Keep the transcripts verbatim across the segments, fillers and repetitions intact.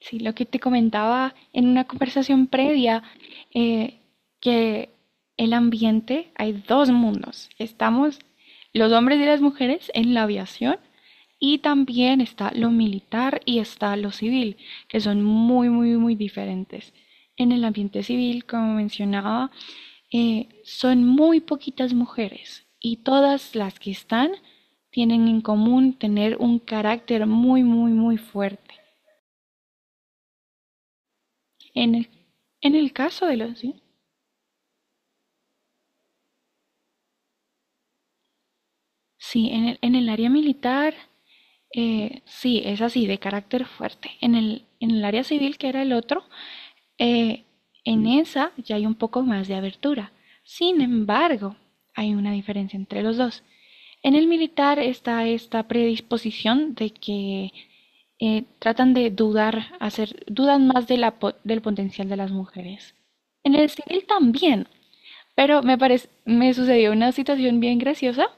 Sí, lo que te comentaba en una conversación previa, eh, que el ambiente, hay dos mundos. Estamos los hombres y las mujeres en la aviación, y también está lo militar y está lo civil, que son muy, muy, muy diferentes. En el ambiente civil, como mencionaba, eh, son muy poquitas mujeres y todas las que están tienen en común tener un carácter muy, muy, muy fuerte. En el, en el caso de los... Sí, sí, en el, en el área militar, eh, sí, es así, de carácter fuerte. En el, en el área civil, que era el otro, eh, en esa ya hay un poco más de abertura. Sin embargo, hay una diferencia entre los dos. En el militar está esta predisposición de que eh, tratan de dudar, hacer, dudan más de la, del potencial de las mujeres. En el civil también, pero me parece, me sucedió una situación bien graciosa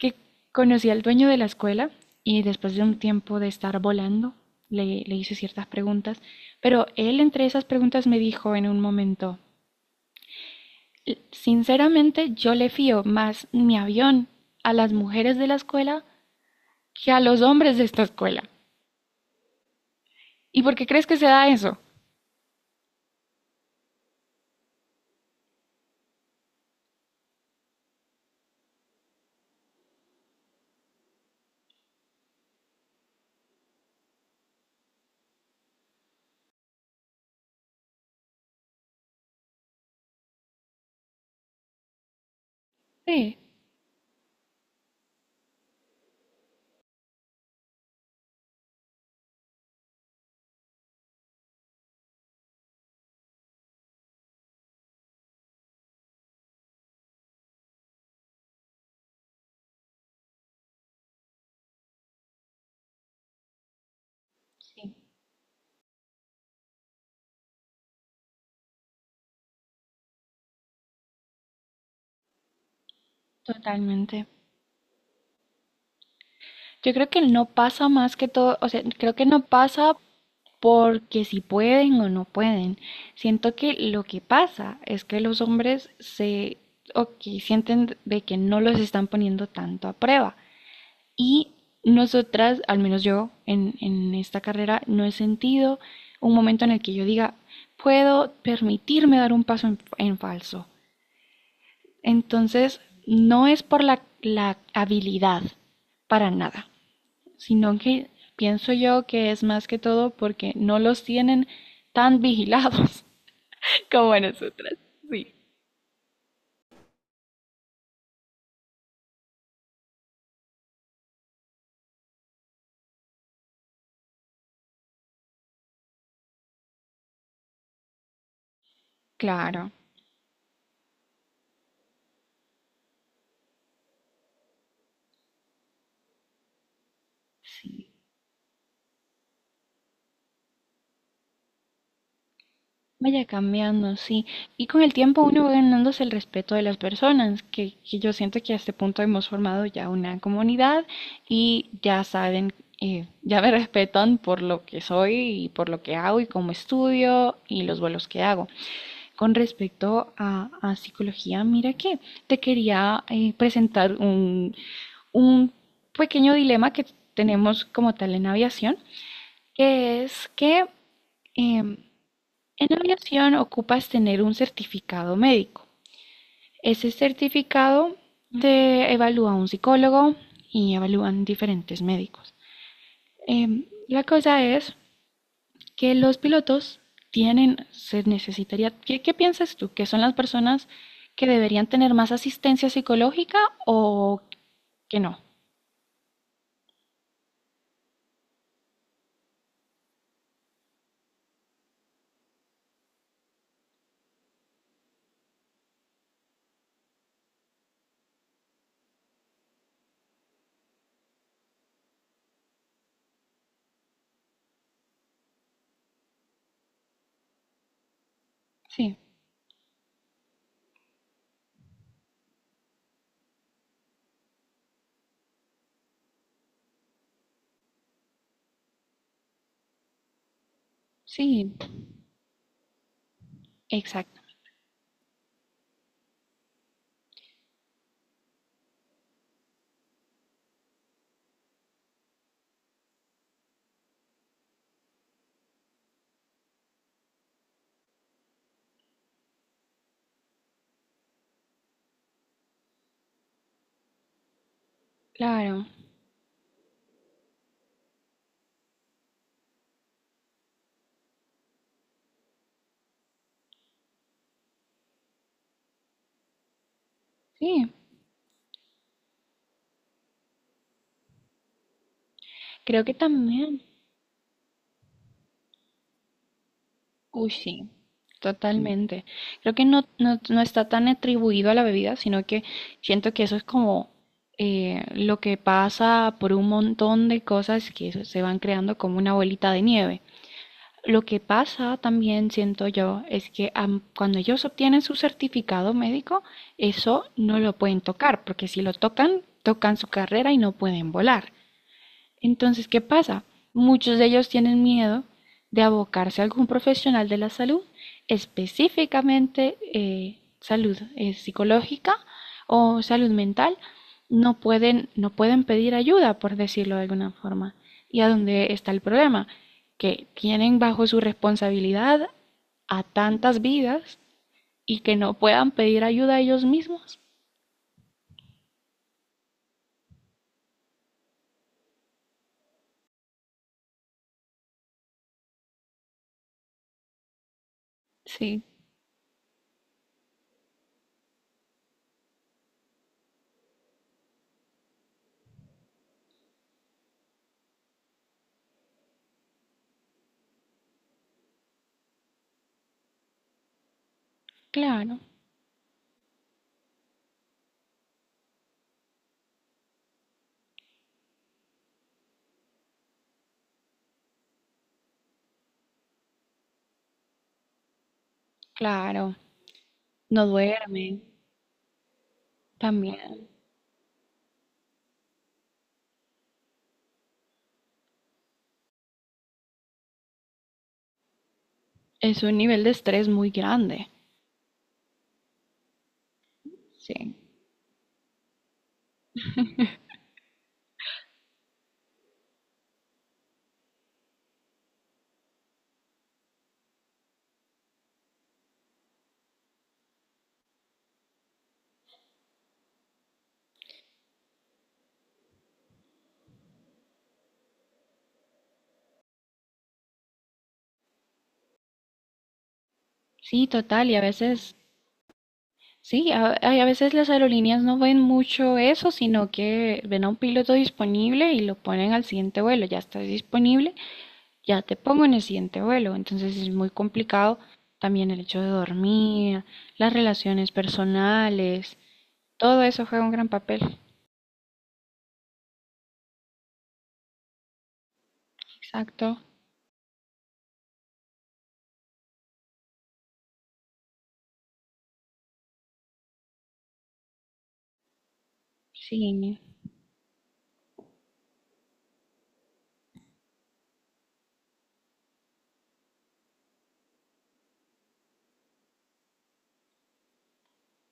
que conocí al dueño de la escuela y después de un tiempo de estar volando, le, le hice ciertas preguntas, pero él entre esas preguntas me dijo en un momento, sinceramente yo le fío más mi avión a las mujeres de la escuela que a los hombres de esta escuela. ¿Y por qué crees que se da eso? Sí, sí, totalmente. Yo creo que no pasa más que todo, o sea, creo que no pasa porque si pueden o no pueden. Siento que lo que pasa es que los hombres se, ok, sienten de que no los están poniendo tanto a prueba. Y nosotras, al menos yo en, en esta carrera, no he sentido un momento en el que yo diga, puedo permitirme dar un paso en, en falso. Entonces, no es por la, la habilidad, para nada, sino que pienso yo que es más que todo porque no los tienen tan vigilados como a nosotras. Sí, claro, sí. Vaya cambiando, sí. Y con el tiempo uno va ganándose el respeto de las personas, que, que yo siento que a este punto hemos formado ya una comunidad y ya saben, eh, ya me respetan por lo que soy y por lo que hago y cómo estudio y los vuelos que hago. Con respecto a, a psicología, mira que te quería eh, presentar un, un pequeño dilema que tenemos como tal en aviación, que es que em, en aviación ocupas tener un certificado médico. Ese certificado te evalúa un psicólogo y evalúan diferentes médicos. Em, la cosa es que los pilotos tienen, se necesitaría, ¿qué, qué piensas tú? ¿Que son las personas que deberían tener más asistencia psicológica o que no? Sí, sí, exacto, claro, sí, creo que también, uy, sí, totalmente. Creo que no, no, no está tan atribuido a la bebida, sino que siento que eso es como eh, lo que pasa por un montón de cosas que eso se van creando como una bolita de nieve. Lo que pasa también siento yo es que am, cuando ellos obtienen su certificado médico, eso no lo pueden tocar, porque si lo tocan, tocan su carrera y no pueden volar. Entonces, ¿qué pasa? Muchos de ellos tienen miedo de abocarse a algún profesional de la salud, específicamente eh, salud eh, psicológica o salud mental, no pueden, no pueden pedir ayuda, por decirlo de alguna forma. ¿Y a dónde está el problema? Que tienen bajo su responsabilidad a tantas vidas y que no puedan pedir ayuda a ellos mismos. Sí, claro, claro. No duermen también. Es un nivel de estrés muy grande. Sí. Sí, total. Y a veces, sí, a, ay, a veces las aerolíneas no ven mucho eso, sino que ven a un piloto disponible y lo ponen al siguiente vuelo. Ya estás disponible, ya te pongo en el siguiente vuelo. Entonces es muy complicado también el hecho de dormir, las relaciones personales, todo eso juega un gran papel. Exacto. Sí.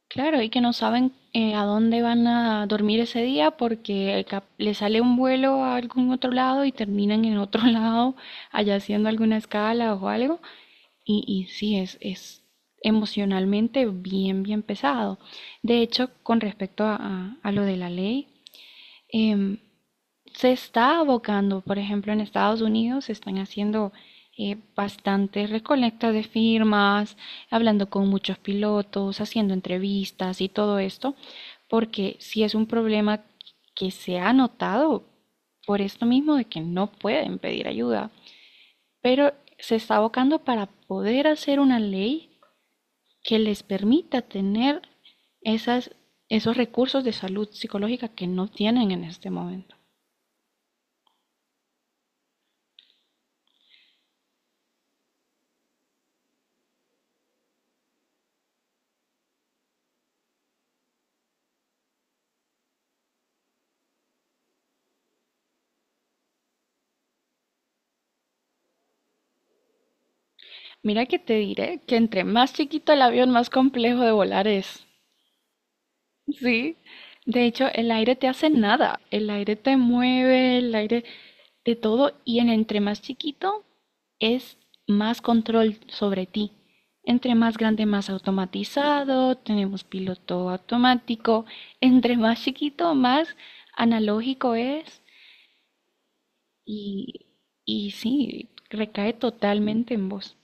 Claro, y que no saben eh, a dónde van a dormir ese día porque cap- le sale un vuelo a algún otro lado y terminan en otro lado, allá haciendo alguna escala o algo. Y, y sí, es, es emocionalmente bien, bien pesado. De hecho, con respecto a, a- a lo de la ley, em, se está abocando, por ejemplo, en Estados Unidos se están haciendo eh, bastante recolecta de firmas, hablando con muchos pilotos, haciendo entrevistas y todo esto, porque si es un problema que se ha notado por esto mismo de que no pueden pedir ayuda, pero se está abocando para poder hacer una ley que les permita tener esas, esos recursos de salud psicológica que no tienen en este momento. Mira que te diré que entre más chiquito el avión, más complejo de volar es. Sí. De hecho, el aire te hace nada. El aire te mueve, el aire de todo. Y en entre más chiquito es más control sobre ti. Entre más grande, más automatizado. Tenemos piloto automático. Entre más chiquito, más analógico es. Y, y sí, recae totalmente en vos.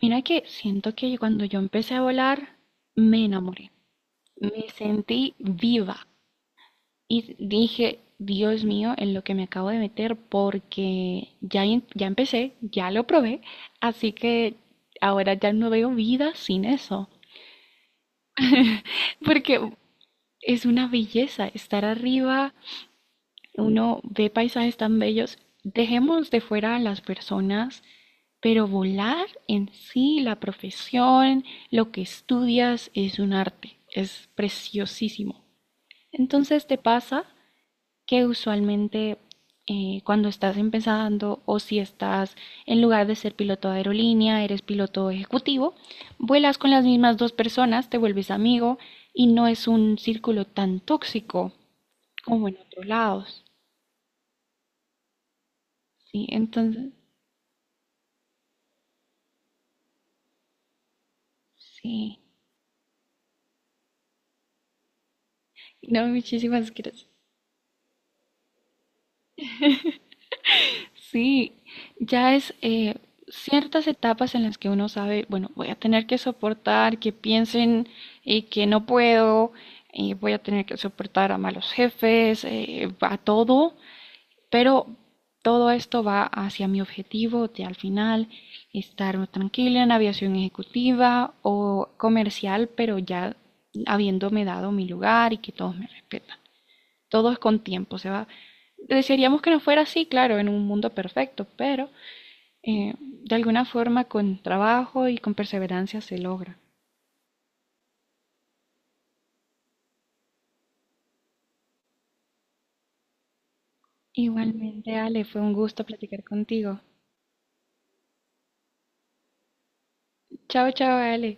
Mira que siento que cuando yo empecé a volar, me enamoré. Me sentí viva y dije, Dios mío, en lo que me acabo de meter, porque ya, em- ya empecé, ya lo probé, así que ahora ya no veo vida sin eso. Porque es una belleza estar arriba, uno ve paisajes tan bellos. Dejemos de fuera a las personas. Pero volar en sí, la profesión, lo que estudias es un arte, es preciosísimo. Entonces te pasa que usualmente eh, cuando estás empezando o si estás en lugar de ser piloto de aerolínea, eres piloto ejecutivo, vuelas con las mismas dos personas, te vuelves amigo y no es un círculo tan tóxico como en otros lados. Sí, entonces, sí. No, muchísimas gracias. Sí, ya es eh, ciertas etapas en las que uno sabe, bueno, voy a tener que soportar que piensen eh, que no puedo, eh, voy a tener que soportar a malos jefes, eh, a todo, pero todo esto va hacia mi objetivo de al final estar tranquila en aviación ejecutiva o comercial, pero ya habiéndome dado mi lugar y que todos me respetan, todo es con tiempo, se va. Desearíamos que no fuera así, claro, en un mundo perfecto, pero eh, de alguna forma con trabajo y con perseverancia se logra. Igualmente, Ale, fue un gusto platicar contigo. Chao, chao, Ale.